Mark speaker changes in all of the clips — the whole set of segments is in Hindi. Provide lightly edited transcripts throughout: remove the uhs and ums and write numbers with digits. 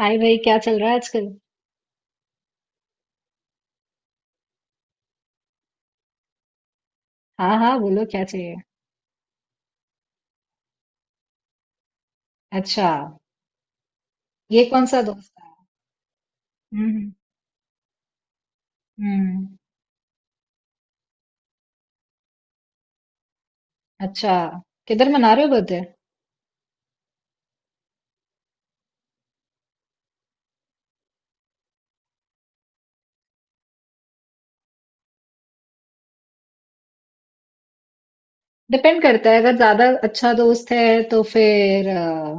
Speaker 1: हाय भाई, क्या चल रहा है आजकल? हाँ हाँ, बोलो क्या चाहिए। अच्छा, ये कौन सा दोस्त है? हम्म। हम्म। अच्छा। किधर मना रहे हो बर्थडे? डिपेंड करता है, अगर ज्यादा अच्छा दोस्त है तो फिर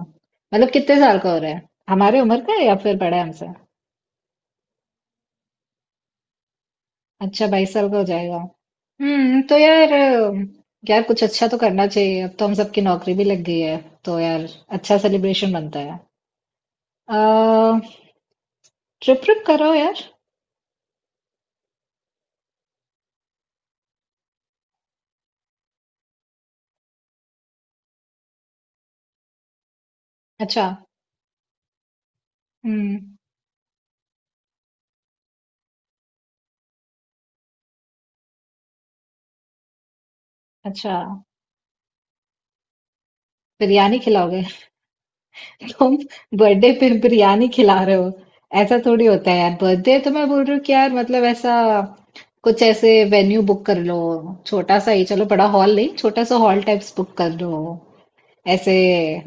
Speaker 1: मतलब कितने साल का हो रहा है? हमारे उम्र का है या फिर बड़ा है हमसे? अच्छा, 22 साल का हो जाएगा। हम्म, तो यार यार कुछ अच्छा तो करना चाहिए। अब तो हम सबकी नौकरी भी लग गई है, तो यार अच्छा सेलिब्रेशन बनता है। अ ट्रिप ट्रिप करो यार। अच्छा। हम्म। अच्छा। बिरयानी खिलाओगे? तुम बर्थडे पे बिरयानी खिला रहे हो? ऐसा थोड़ी होता है यार। बर्थडे तो मैं बोल रही हूँ कि यार, मतलब ऐसा कुछ, ऐसे वेन्यू बुक कर लो। छोटा सा ही चलो, बड़ा हॉल नहीं, छोटा सा हॉल टाइप्स बुक कर लो। ऐसे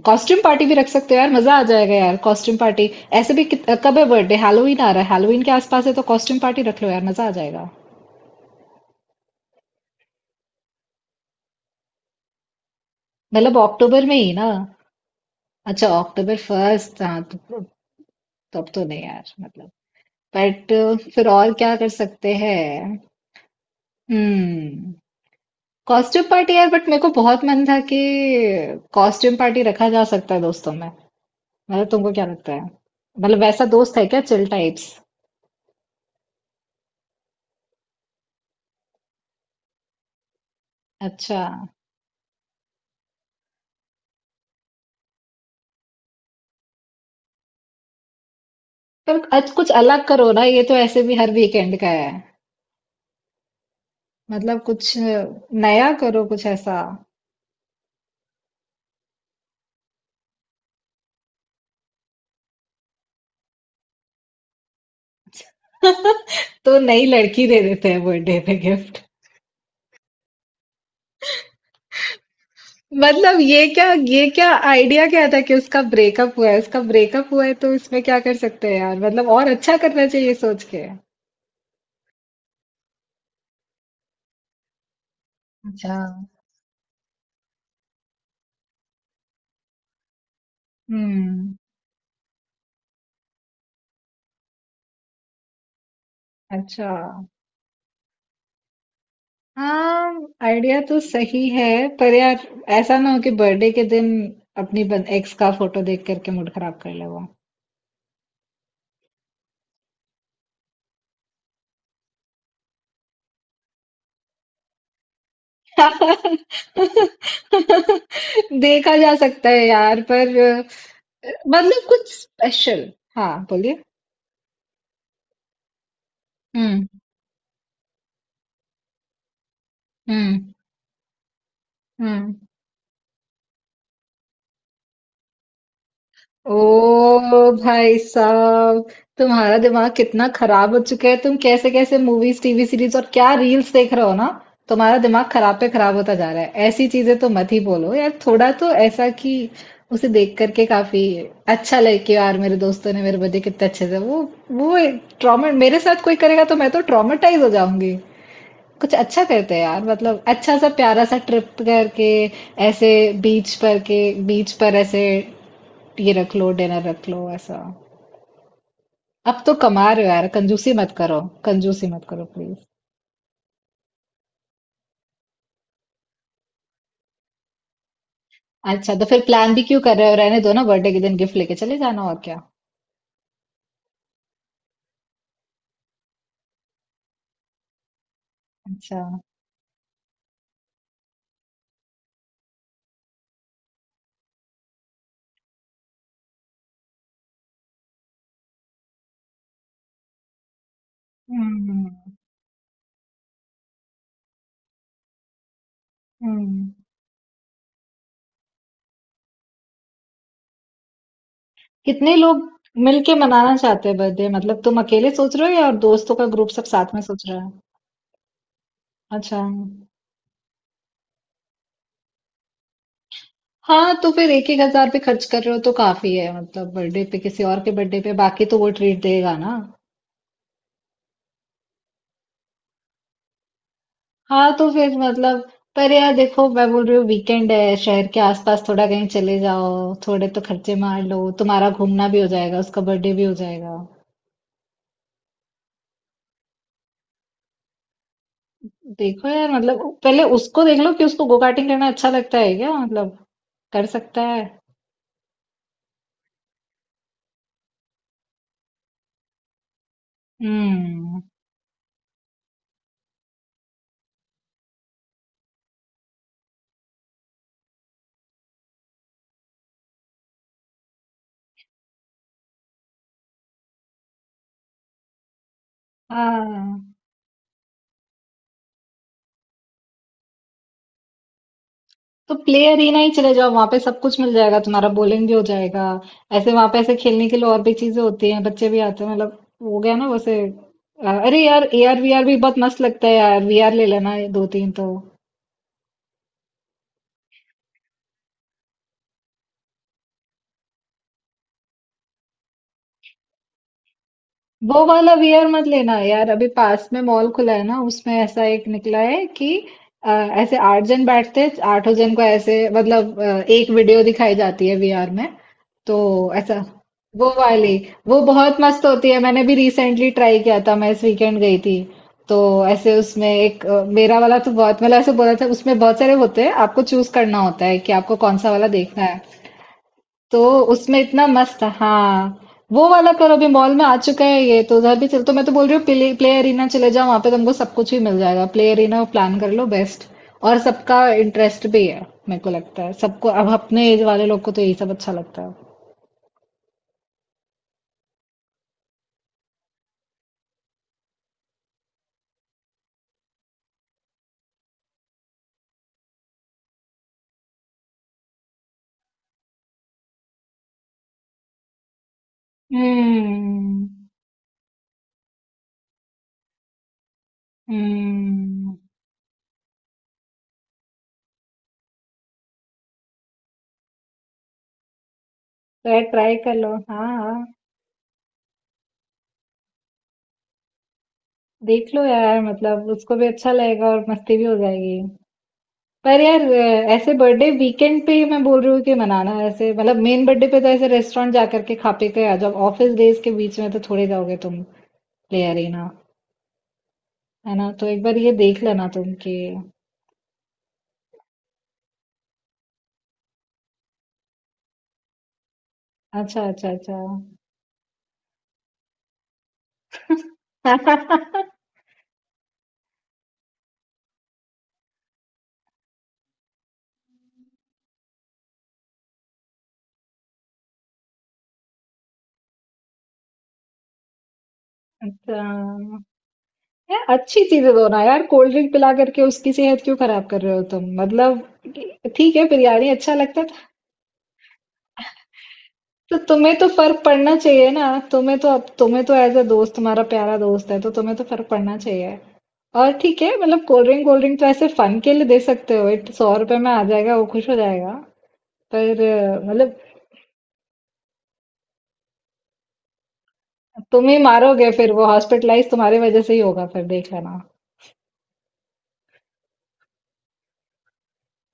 Speaker 1: कॉस्ट्यूम पार्टी भी रख सकते हो यार, मजा आ जाएगा यार, कॉस्ट्यूम पार्टी। ऐसे भी कब है बर्थडे? हैलोवीन आ रहा है, हैलोवीन के आसपास है तो कॉस्ट्यूम पार्टी रख लो यार, मजा आ जाएगा। मतलब अक्टूबर में ही ना? अच्छा, अक्टूबर फर्स्ट, हाँ तो अब तो नहीं यार मतलब, बट फिर और क्या कर सकते हैं? हम्म। कॉस्ट्यूम पार्टी यार, बट मेरे को बहुत मन था कि कॉस्ट्यूम पार्टी रखा जा सकता है दोस्तों में। मतलब तुमको क्या लगता है? मतलब वैसा दोस्त है क्या, चिल टाइप्स? अच्छा। पर आज कुछ अलग करो ना, ये तो ऐसे भी हर वीकेंड का है। मतलब कुछ नया करो, कुछ ऐसा। तो नई लड़की दे देते हैं बर्थडे पे गिफ्ट। मतलब ये क्या, ये क्या आइडिया क्या था कि उसका ब्रेकअप हुआ है, उसका ब्रेकअप हुआ है तो इसमें क्या कर सकते हैं यार? मतलब और अच्छा करना चाहिए सोच के। अच्छा। हम्म। अच्छा। हाँ, आइडिया तो सही है, पर यार ऐसा ना हो कि बर्थडे के दिन अपनी एक्स का फोटो देख करके मूड खराब कर ले वो। देखा जा सकता है यार, पर मतलब कुछ स्पेशल। हाँ बोलिए। हम्म। हम्म। हम्म। ओ भाई साहब, तुम्हारा दिमाग कितना खराब हो चुका है। तुम कैसे कैसे मूवीज, टीवी सीरीज और क्या रील्स देख रहे हो ना। तुम्हारा दिमाग खराब पे खराब होता जा रहा है। ऐसी चीजें तो मत ही बोलो यार, थोड़ा तो ऐसा कि उसे देख करके काफी अच्छा लगे कि यार मेरे दोस्तों ने मेरे बर्थडे कितने अच्छे से वो ट्रॉमा मेरे साथ कोई करेगा तो मैं तो ट्रॉमेटाइज हो जाऊंगी। कुछ अच्छा करते हैं यार, मतलब अच्छा सा प्यारा सा ट्रिप करके, ऐसे बीच पर के, बीच पर ऐसे ये रख लो, डिनर रख लो ऐसा। अब तो कमा रहे हो यार, कंजूसी मत करो। कंजूसी मत करो प्लीज। अच्छा, तो फिर प्लान भी क्यों कर रहे हो? रहने दो ना, बर्थडे के दिन गिफ्ट लेके चले जाना और क्या। अच्छा। हम्म। हम्म। कितने लोग मिलके मनाना चाहते हैं बर्थडे? मतलब तुम अकेले सोच रहे हो या दोस्तों का ग्रुप सब साथ में सोच रहा है? अच्छा। हाँ, तो फिर एक एक हजार पे खर्च कर रहे हो तो काफी है। मतलब बर्थडे पे, किसी और के बर्थडे पे, बाकी तो वो ट्रीट देगा ना। हाँ, तो फिर मतलब, पर यार देखो मैं बोल रही हूँ वीकेंड है, शहर के आसपास थोड़ा कहीं चले जाओ, थोड़े तो खर्चे मार लो, तुम्हारा घूमना भी हो जाएगा, उसका बर्थडे भी हो जाएगा। देखो यार मतलब पहले उसको देख लो कि उसको गो कार्टिंग करना अच्छा लगता है क्या? मतलब कर सकता है। हम्म। हाँ, तो प्ले अरेना ही चले जाओ, वहां पे सब कुछ मिल जाएगा, तुम्हारा बॉलिंग भी हो जाएगा। ऐसे वहां पे ऐसे खेलने के लिए और भी चीजें होती हैं, बच्चे भी आते हैं मतलब। हो गया ना वैसे। अरे यार, एआर वीआर भी बहुत मस्त लगता है यार, वीआर ले लेना ये दो तीन तो। वो वाला वीआर मत लेना यार, अभी पास में मॉल खुला है ना, उसमें ऐसा एक निकला है कि ऐसे 8 जन बैठते हैं, आठों जन को ऐसे मतलब एक वीडियो दिखाई जाती है वीआर में, तो ऐसा, वो वाली वो बहुत मस्त होती है। मैंने भी रिसेंटली ट्राई किया था, मैं इस वीकेंड गई थी। तो ऐसे उसमें एक मेरा वाला तो बहुत, मतलब ऐसे बोला था, उसमें बहुत सारे होते हैं, आपको चूज करना होता है कि आपको कौन सा वाला देखना है। तो उसमें इतना मस्त था। हाँ, वो वाला करो। अभी मॉल में आ चुका है ये, तो उधर भी चल, तो मैं तो बोल रही हूँ प्ले एरिना चले जाओ, वहां पे तुमको सब कुछ भी मिल जाएगा, प्ले एरिना प्लान कर लो, बेस्ट। और सबका इंटरेस्ट भी है। मेरे को लगता है सबको, अब अपने एज वाले लोग को तो यही सब अच्छा लगता है। हम्म। हम्म। तो ट्राई कर लो। हाँ हाँ, देख लो यार, मतलब उसको भी अच्छा लगेगा और मस्ती भी हो जाएगी। पर यार ऐसे बर्थडे वीकेंड पे मैं बोल रही हूँ कि मनाना। ऐसे मतलब मेन बर्थडे पे तो ऐसे रेस्टोरेंट जा करके खा पी के आ जाओ, ऑफिस डेज के बीच में तो थोड़े जाओगे तुम। प्ले अरेना है ना, तो एक बार ये देख लेना तुम कि अच्छा अच्छा अच्छा। अच्छा यार, अच्छी चीजें दो ना यार। कोल्ड ड्रिंक पिला करके उसकी सेहत क्यों खराब कर रहे हो तुम मतलब। ठीक है, बिरयानी अच्छा लगता है। तो तुम्हें तो फर्क पड़ना चाहिए ना, तुम्हें तो, अब तुम्हें तो एज अ दोस्त, तुम्हारा प्यारा दोस्त है तो तुम्हें तो फर्क पड़ना चाहिए। और ठीक है मतलब, कोल्ड ड्रिंक तो ऐसे फन के लिए दे सकते हो, इट 100 रुपए में आ जाएगा, वो खुश हो जाएगा। पर मतलब तुम ही मारोगे फिर, वो हॉस्पिटलाइज तुम्हारी वजह से ही होगा फिर, देख लेना।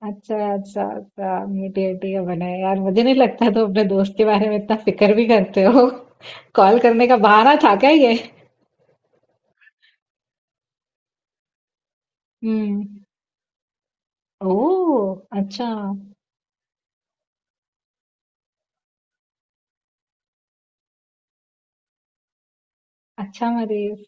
Speaker 1: अच्छा अच्छा अच्छा, मीठी मीठी का बना है यार। मुझे नहीं लगता तुम अपने दोस्त के बारे में इतना फिक्र भी करते हो। कॉल करने का बहाना था क्या ये? हम्म। ओह अच्छा। अच्छा मनीष,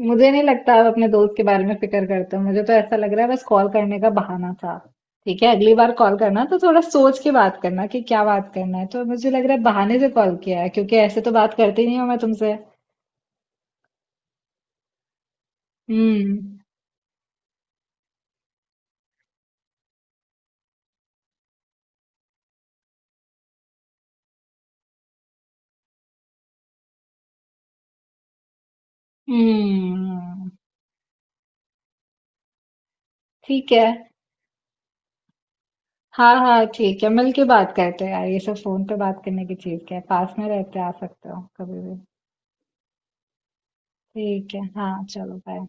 Speaker 1: मुझे नहीं लगता आप अपने दोस्त के बारे में फिक्र करते हो, मुझे तो ऐसा लग रहा है बस कॉल करने का बहाना था। ठीक है, अगली बार कॉल करना तो थोड़ा सोच के बात करना कि क्या बात करना है, तो मुझे लग रहा है बहाने से कॉल किया है, क्योंकि ऐसे तो बात करती नहीं हूँ मैं तुमसे। हम्म। हम्म। ठीक है। हाँ हाँ, ठीक है मिलके बात करते हैं यार, ये सब फोन पे बात करने की चीज क्या है, पास में रहते हैं, आ सकते हो कभी भी। ठीक है, हाँ, चलो बाय।